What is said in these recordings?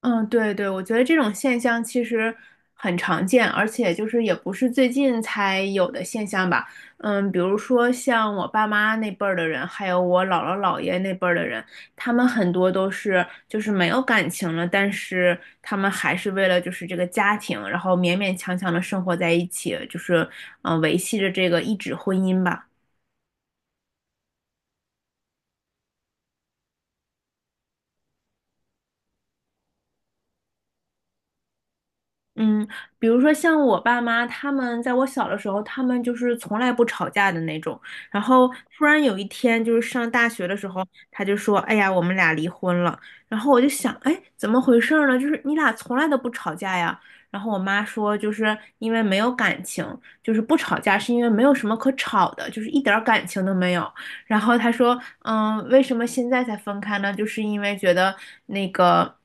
嗯，对对，我觉得这种现象其实很常见，而且就是也不是最近才有的现象吧。嗯，比如说像我爸妈那辈儿的人，还有我姥姥姥爷那辈儿的人，他们很多都是就是没有感情了，但是他们还是为了就是这个家庭，然后勉勉强强的生活在一起，就是维系着这个一纸婚姻吧。嗯，比如说像我爸妈，他们在我小的时候，他们就是从来不吵架的那种。然后突然有一天，就是上大学的时候，他就说：“哎呀，我们俩离婚了。”然后我就想：“哎，怎么回事儿呢？就是你俩从来都不吵架呀？”然后我妈说：“就是因为没有感情，就是不吵架是因为没有什么可吵的，就是一点儿感情都没有。”然后他说，嗯，为什么现在才分开呢？就是因为觉得那个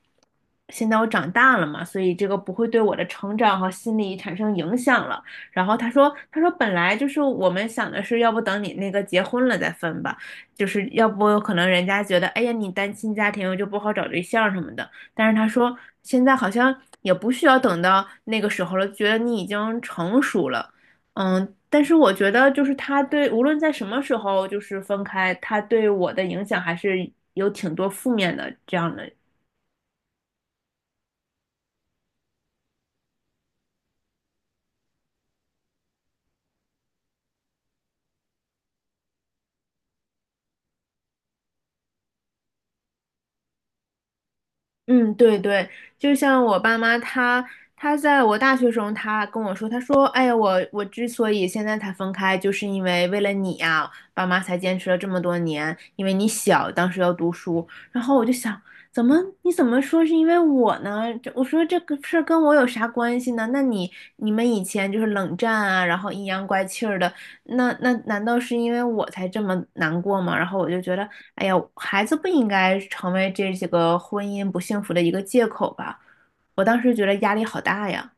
现在我长大了嘛，所以这个不会对我的成长和心理产生影响了。然后他说，他说本来就是我们想的是，要不等你那个结婚了再分吧，就是要不可能人家觉得，哎呀，你单亲家庭就不好找对象什么的。但是他说，现在好像也不需要等到那个时候了，觉得你已经成熟了。嗯，但是我觉得就是他对，无论在什么时候就是分开，他对我的影响还是有挺多负面的这样的。嗯，对对，就像我爸妈他，他在我大学时候，他跟我说，他说，哎呀，我之所以现在才分开，就是因为为了你呀、爸妈才坚持了这么多年，因为你小，当时要读书。然后我就想，怎么你怎么说是因为我呢？这我说这个事儿跟我有啥关系呢？那你们以前就是冷战啊，然后阴阳怪气儿的，那难道是因为我才这么难过吗？然后我就觉得，哎呀，孩子不应该成为这几个婚姻不幸福的一个借口吧。我当时觉得压力好大呀。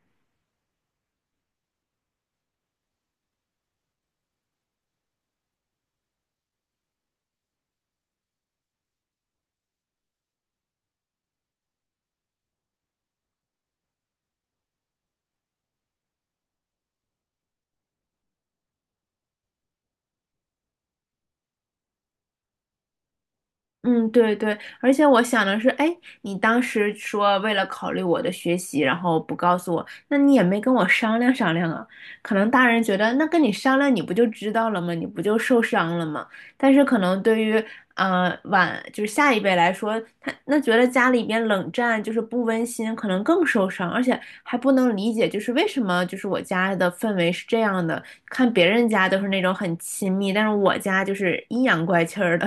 嗯，对对，而且我想的是，哎，你当时说为了考虑我的学习，然后不告诉我，那你也没跟我商量商量啊？可能大人觉得，那跟你商量，你不就知道了吗？你不就受伤了吗？但是可能对于就是下一辈来说，他那觉得家里边冷战就是不温馨，可能更受伤，而且还不能理解，就是为什么就是我家的氛围是这样的，看别人家都是那种很亲密，但是我家就是阴阳怪气儿的。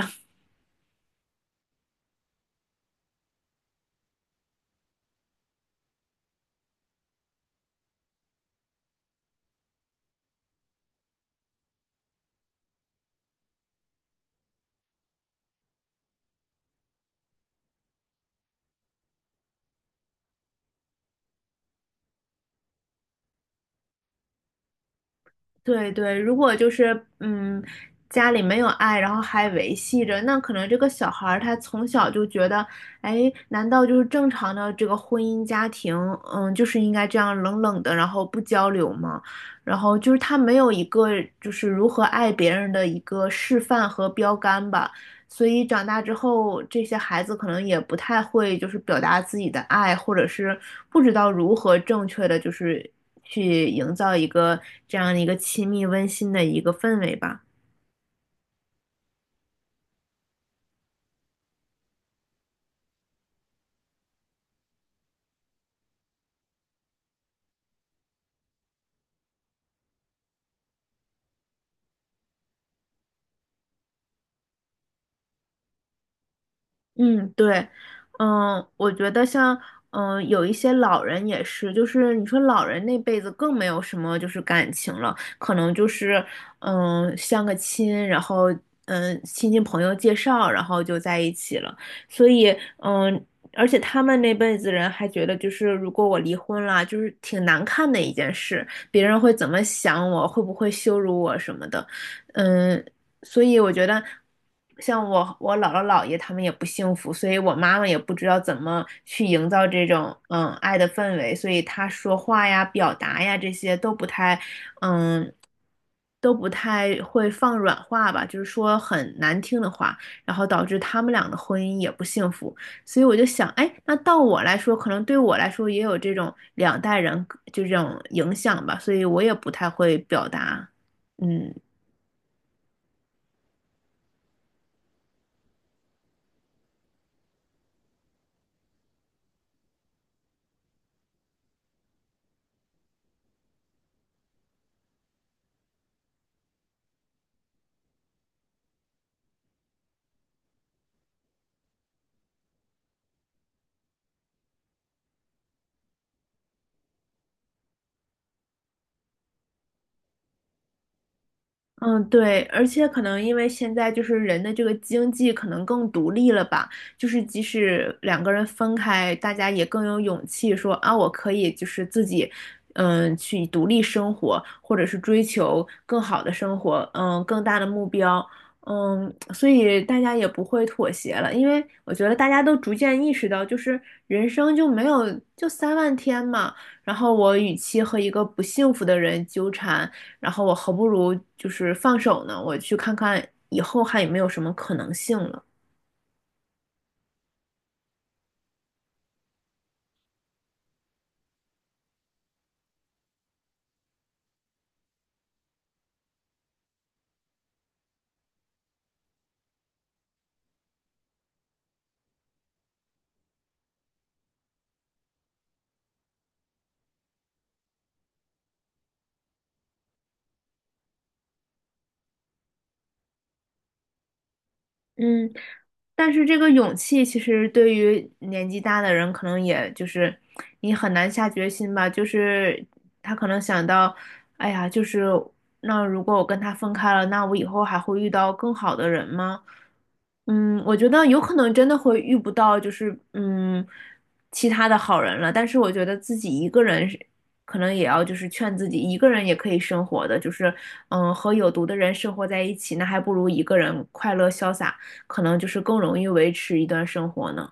对对，如果就是家里没有爱，然后还维系着，那可能这个小孩儿他从小就觉得，哎，难道就是正常的这个婚姻家庭，嗯，就是应该这样冷冷的，然后不交流吗？然后就是他没有一个就是如何爱别人的一个示范和标杆吧，所以长大之后，这些孩子可能也不太会就是表达自己的爱，或者是不知道如何正确的就是去营造一个这样的一个亲密温馨的一个氛围吧。嗯，对，我觉得像，有一些老人也是，就是你说老人那辈子更没有什么就是感情了，可能就是，相个亲，然后，亲戚朋友介绍，然后就在一起了，所以，而且他们那辈子人还觉得，就是如果我离婚了，就是挺难看的一件事，别人会怎么想我，会不会羞辱我什么的，嗯。所以我觉得，像我姥姥姥爷他们也不幸福，所以我妈妈也不知道怎么去营造这种爱的氛围，所以她说话呀、表达呀这些都不太嗯都不太会放软话吧，就是说很难听的话，然后导致他们俩的婚姻也不幸福。所以我就想，哎，那到我来说，可能对我来说也有这种两代人就这种影响吧，所以我也不太会表达，嗯，嗯，对，而且可能因为现在就是人的这个经济可能更独立了吧，就是即使两个人分开，大家也更有勇气说啊，我可以就是自己，去独立生活，或者是追求更好的生活，更大的目标，所以大家也不会妥协了，因为我觉得大家都逐渐意识到，就是人生就没有就3万天嘛，然后我与其和一个不幸福的人纠缠。然后我何不如就是放手呢？我去看看以后还有没有什么可能性了。嗯，但是这个勇气，其实对于年纪大的人，可能也就是你很难下决心吧。就是他可能想到，哎呀，就是那如果我跟他分开了，那我以后还会遇到更好的人吗？嗯，我觉得有可能真的会遇不到，就是其他的好人了。但是我觉得自己一个人是，可能也要就是劝自己，一个人也可以生活的，就是和有毒的人生活在一起，那还不如一个人快乐潇洒。可能就是更容易维持一段生活呢？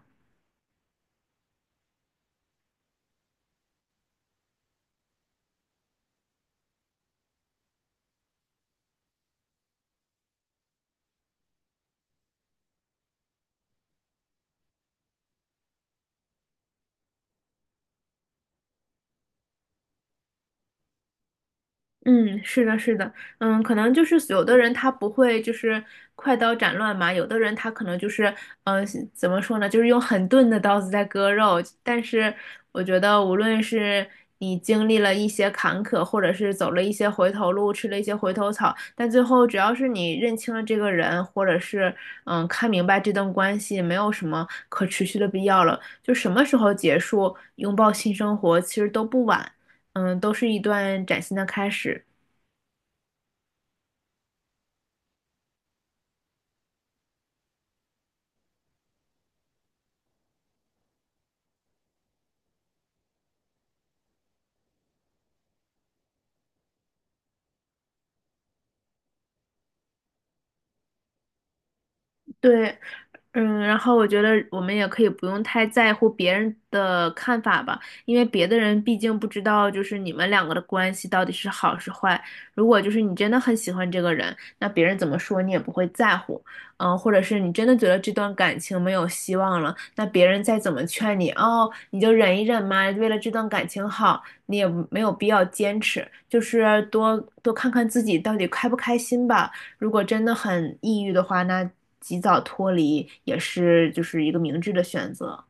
嗯，是的，是的，可能就是有的人他不会就是快刀斩乱麻，有的人他可能就是，嗯，怎么说呢，就是用很钝的刀子在割肉。但是我觉得，无论是你经历了一些坎坷，或者是走了一些回头路，吃了一些回头草，但最后只要是你认清了这个人，或者是看明白这段关系没有什么可持续的必要了，就什么时候结束，拥抱新生活，其实都不晚，嗯，都是一段崭新的开始。对，然后我觉得我们也可以不用太在乎别人的看法吧，因为别的人毕竟不知道就是你们两个的关系到底是好是坏。如果就是你真的很喜欢这个人，那别人怎么说你也不会在乎，或者是你真的觉得这段感情没有希望了，那别人再怎么劝你，哦，你就忍一忍嘛，为了这段感情好，你也没有必要坚持，就是多多看看自己到底开不开心吧。如果真的很抑郁的话，那及早脱离也是就是一个明智的选择。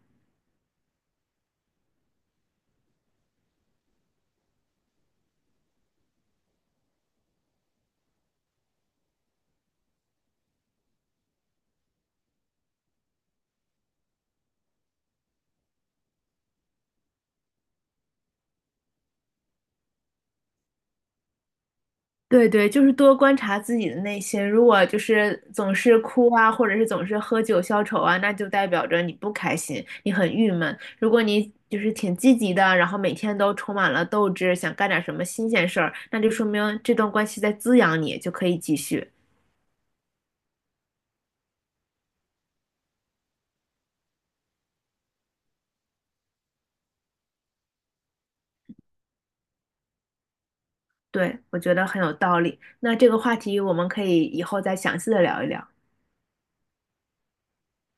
对对，就是多观察自己的内心。如果就是总是哭啊，或者是总是喝酒消愁啊，那就代表着你不开心，你很郁闷。如果你就是挺积极的，然后每天都充满了斗志，想干点什么新鲜事儿，那就说明这段关系在滋养你，就可以继续。对，我觉得很有道理。那这个话题我们可以以后再详细的聊一聊。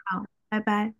好，拜拜。